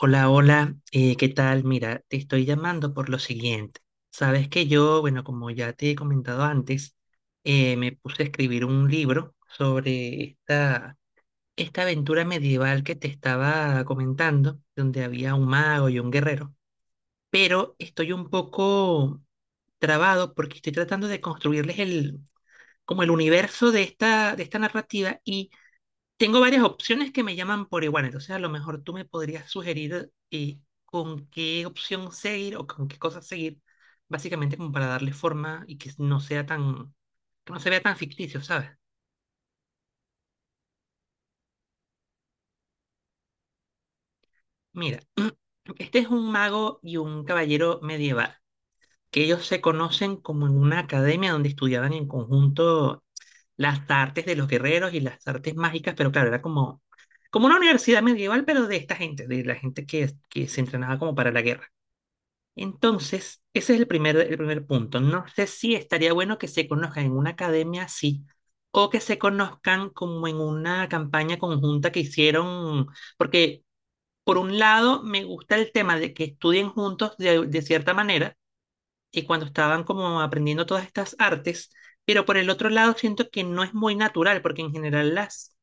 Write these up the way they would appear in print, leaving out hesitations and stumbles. Hola, hola, ¿qué tal? Mira, te estoy llamando por lo siguiente. Sabes que yo, bueno, como ya te he comentado antes, me puse a escribir un libro sobre esta aventura medieval que te estaba comentando, donde había un mago y un guerrero, pero estoy un poco trabado porque estoy tratando de construirles como el universo de de esta narrativa y tengo varias opciones que me llaman por igual, entonces a lo mejor tú me podrías sugerir con qué opción seguir o con qué cosas seguir, básicamente como para darle forma y que no sea tan, que no se vea tan ficticio, ¿sabes? Mira, este es un mago y un caballero medieval, que ellos se conocen como en una academia donde estudiaban en conjunto las artes de los guerreros y las artes mágicas, pero claro, era como, como una universidad medieval, pero de esta gente, de la gente que se entrenaba como para la guerra. Entonces, ese es el primer punto. No sé si estaría bueno que se conozcan en una academia así o que se conozcan como en una campaña conjunta que hicieron, porque por un lado me gusta el tema de que estudien juntos de cierta manera, y cuando estaban como aprendiendo todas estas artes, pero por el otro lado siento que no es muy natural, porque en general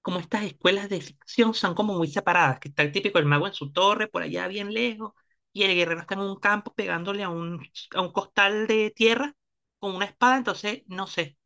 como estas escuelas de ficción son como muy separadas, que está el típico el mago en su torre, por allá bien lejos, y el guerrero está en un campo pegándole a a un costal de tierra con una espada, entonces no sé.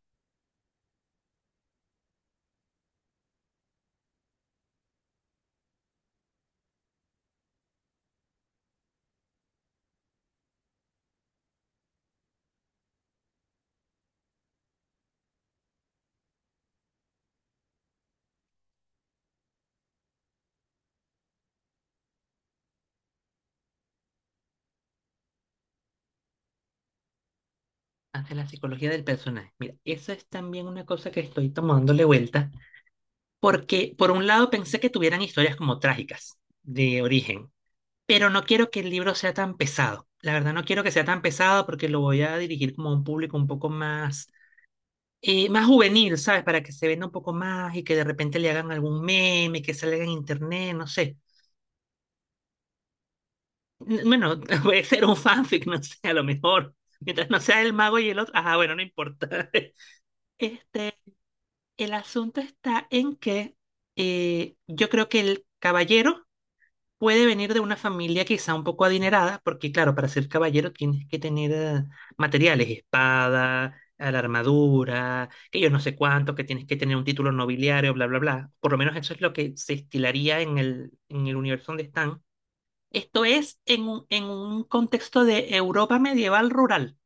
Ante la psicología del personaje. Mira, esa es también una cosa que estoy tomándole vuelta, porque por un lado pensé que tuvieran historias como trágicas de origen, pero no quiero que el libro sea tan pesado. La verdad, no quiero que sea tan pesado porque lo voy a dirigir como a un público un poco más, más juvenil, ¿sabes? Para que se venda un poco más y que de repente le hagan algún meme, que salga en internet, no sé. Bueno, puede ser un fanfic, no sé, a lo mejor. Mientras no sea el mago y el otro. Ajá, bueno, no importa. Este, el asunto está en que yo creo que el caballero puede venir de una familia quizá un poco adinerada, porque claro, para ser caballero tienes que tener materiales, espada, a la armadura, que yo no sé cuánto, que tienes que tener un título nobiliario, bla, bla, bla. Por lo menos eso es lo que se estilaría en en el universo donde están. Esto es en en un contexto de Europa medieval rural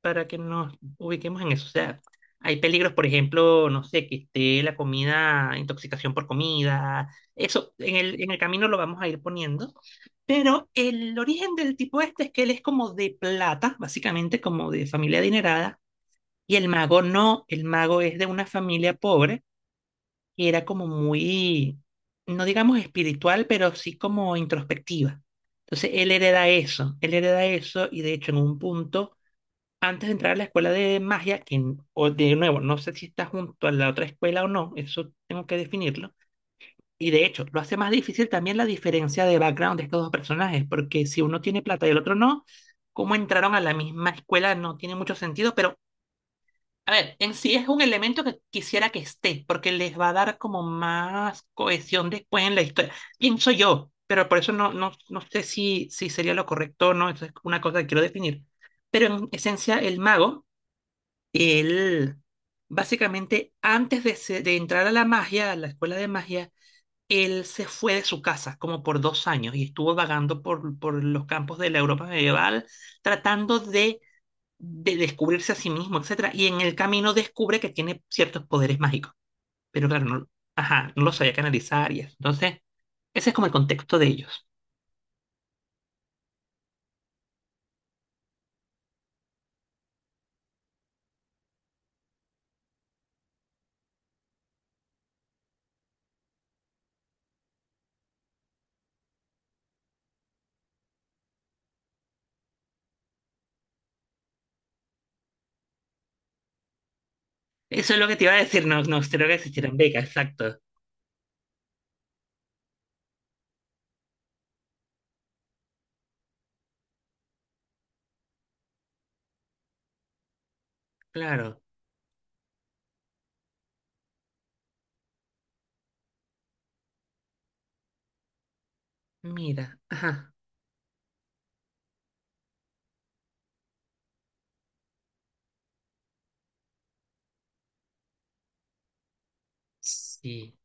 para que nos ubiquemos en eso. O sea, hay peligros, por ejemplo, no sé, que esté la comida, intoxicación por comida. Eso en en el camino lo vamos a ir poniendo. Pero el origen del tipo este es que él es como de plata, básicamente como de familia adinerada, y el mago no, el mago es de una familia pobre, que era como muy, no digamos espiritual, pero sí como introspectiva. Entonces él hereda eso, y de hecho en un punto antes de entrar a la escuela de magia, que o de nuevo, no sé si está junto a la otra escuela o no, eso tengo que definirlo. Y de hecho, lo hace más difícil también la diferencia de background de estos dos personajes, porque si uno tiene plata y el otro no, cómo entraron a la misma escuela no tiene mucho sentido, pero a ver, en sí es un elemento que quisiera que esté, porque les va a dar como más cohesión después en la historia. Pienso yo, pero por eso no sé si sería lo correcto o no, eso es una cosa que quiero definir. Pero en esencia, el mago él, básicamente, de entrar a la magia, a la escuela de magia, él se fue de su casa como por 2 años y estuvo vagando por los campos de la Europa medieval, tratando de descubrirse a sí mismo, etcétera. Y en el camino descubre que tiene ciertos poderes mágicos, pero claro, no, ajá, no lo sabía canalizar y eso. Entonces, ese es como el contexto de ellos. Eso es lo que te iba a decir, no, no, creo que existieran becas, exacto. Claro, mira, ajá, sí.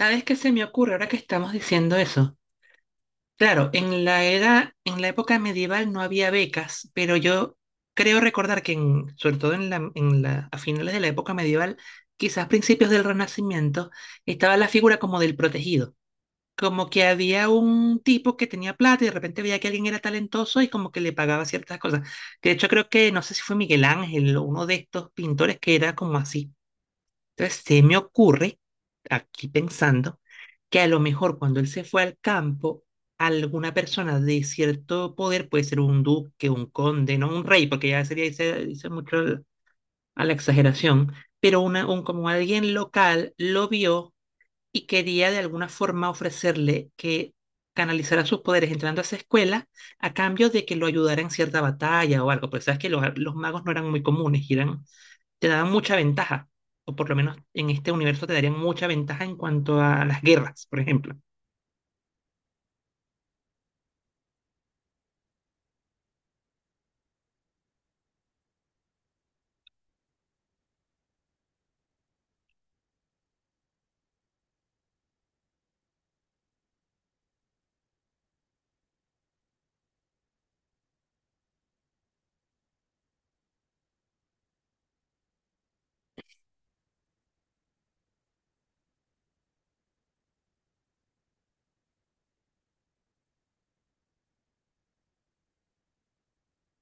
¿Sabes qué se me ocurre ahora que estamos diciendo eso? Claro, en la era, en la época medieval no había becas, pero yo creo recordar que sobre todo en a finales de la época medieval, quizás principios del Renacimiento, estaba la figura como del protegido, como que había un tipo que tenía plata y de repente veía que alguien era talentoso y como que le pagaba ciertas cosas. Que de hecho creo que, no sé si fue Miguel Ángel o uno de estos pintores que era como así. Entonces, se me ocurre, aquí pensando, que a lo mejor cuando él se fue al campo, alguna persona de cierto poder, puede ser un duque, un conde, no un rey, porque ya sería, dice mucho a la exageración, pero como alguien local lo vio y quería de alguna forma ofrecerle que canalizara sus poderes entrando a esa escuela a cambio de que lo ayudara en cierta batalla o algo, porque sabes que los magos no eran muy comunes, y eran, te daban mucha ventaja, o por lo menos en este universo te darían mucha ventaja en cuanto a las guerras, por ejemplo.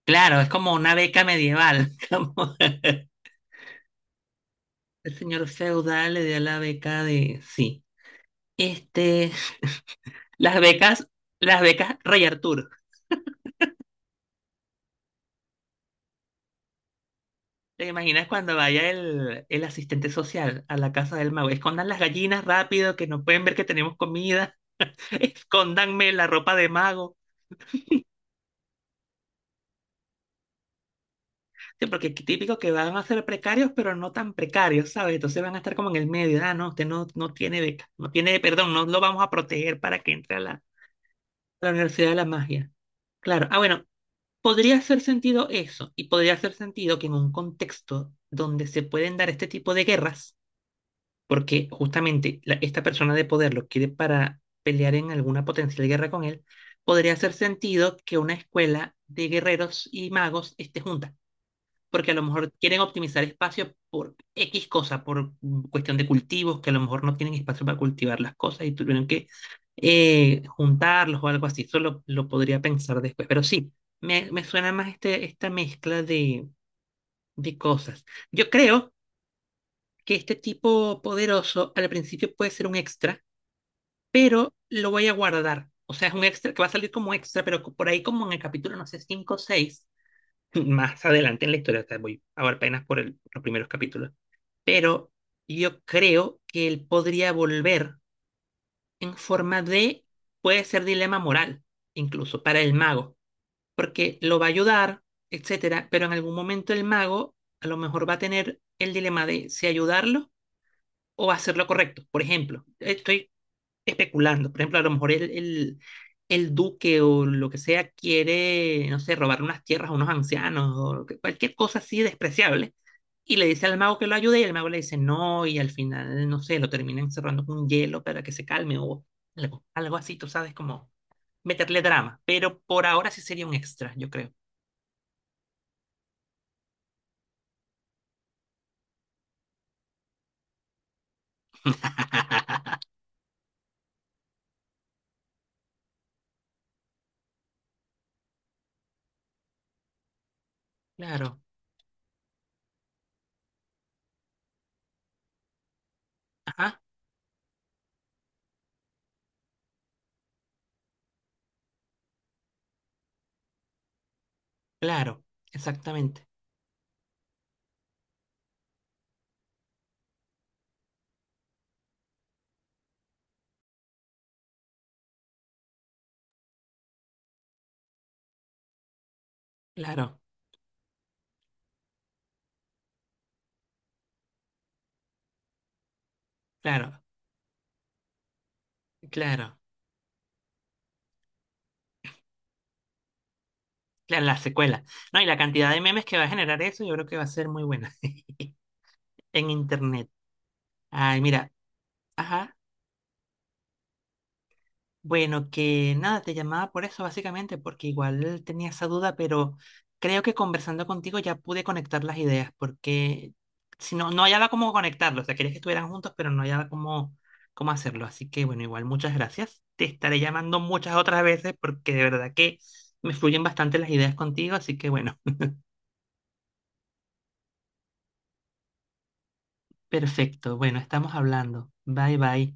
Claro, es como una beca medieval. Como el señor feudal le dio la beca de... Sí. Este, las becas, las becas Rey Arturo. ¿Te imaginas cuando vaya el asistente social a la casa del mago? Escondan las gallinas rápido, que no pueden ver que tenemos comida. Escóndanme la ropa de mago. Sí, porque es típico que van a ser precarios, pero no tan precarios, ¿sabes? Entonces van a estar como en el medio. Ah, usted no, no tiene beca, no tiene, perdón, no lo vamos a proteger para que entre a a la Universidad de la Magia. Claro. Ah, bueno, podría hacer sentido eso, y podría hacer sentido que en un contexto donde se pueden dar este tipo de guerras, porque justamente esta persona de poder lo quiere para pelear en alguna potencial guerra con él, podría hacer sentido que una escuela de guerreros y magos esté junta, porque a lo mejor quieren optimizar espacio por X cosa, por cuestión de cultivos, que a lo mejor no tienen espacio para cultivar las cosas y tuvieron que juntarlos o algo así. Eso lo podría pensar después, pero sí, me suena más esta mezcla de cosas. Yo creo que este tipo poderoso al principio puede ser un extra, pero lo voy a guardar. O sea, es un extra que va a salir como extra, pero por ahí como en el capítulo, no sé, 5 o 6, más adelante en la historia, o voy a ver apenas por los primeros capítulos. Pero yo creo que él podría volver en forma de, puede ser dilema moral, incluso para el mago, porque lo va a ayudar, etcétera, pero en algún momento el mago a lo mejor va a tener el dilema de si ayudarlo o hacer lo correcto. Por ejemplo, estoy especulando, por ejemplo, a lo mejor el duque o lo que sea quiere, no sé, robar unas tierras a unos ancianos o cualquier cosa así despreciable. Y le dice al mago que lo ayude y el mago le dice no y al final, no sé, lo termina encerrando con hielo para que se calme o algo, algo así, tú sabes, como meterle drama. Pero por ahora sí sería un extra, yo creo. Claro, ajá, claro, exactamente. Claro, claro, claro. Claro, la secuela. No, y la cantidad de memes que va a generar eso, yo creo que va a ser muy buena en internet. Ay, mira, ajá. Bueno, que nada, te llamaba por eso básicamente, porque igual tenía esa duda, pero creo que conversando contigo ya pude conectar las ideas, porque si no, no hallaba cómo conectarlo. O sea, quería que estuvieran juntos, pero no hallaba cómo hacerlo. Así que bueno, igual muchas gracias. Te estaré llamando muchas otras veces porque de verdad que me fluyen bastante las ideas contigo, así que bueno. Perfecto, bueno, estamos hablando. Bye bye.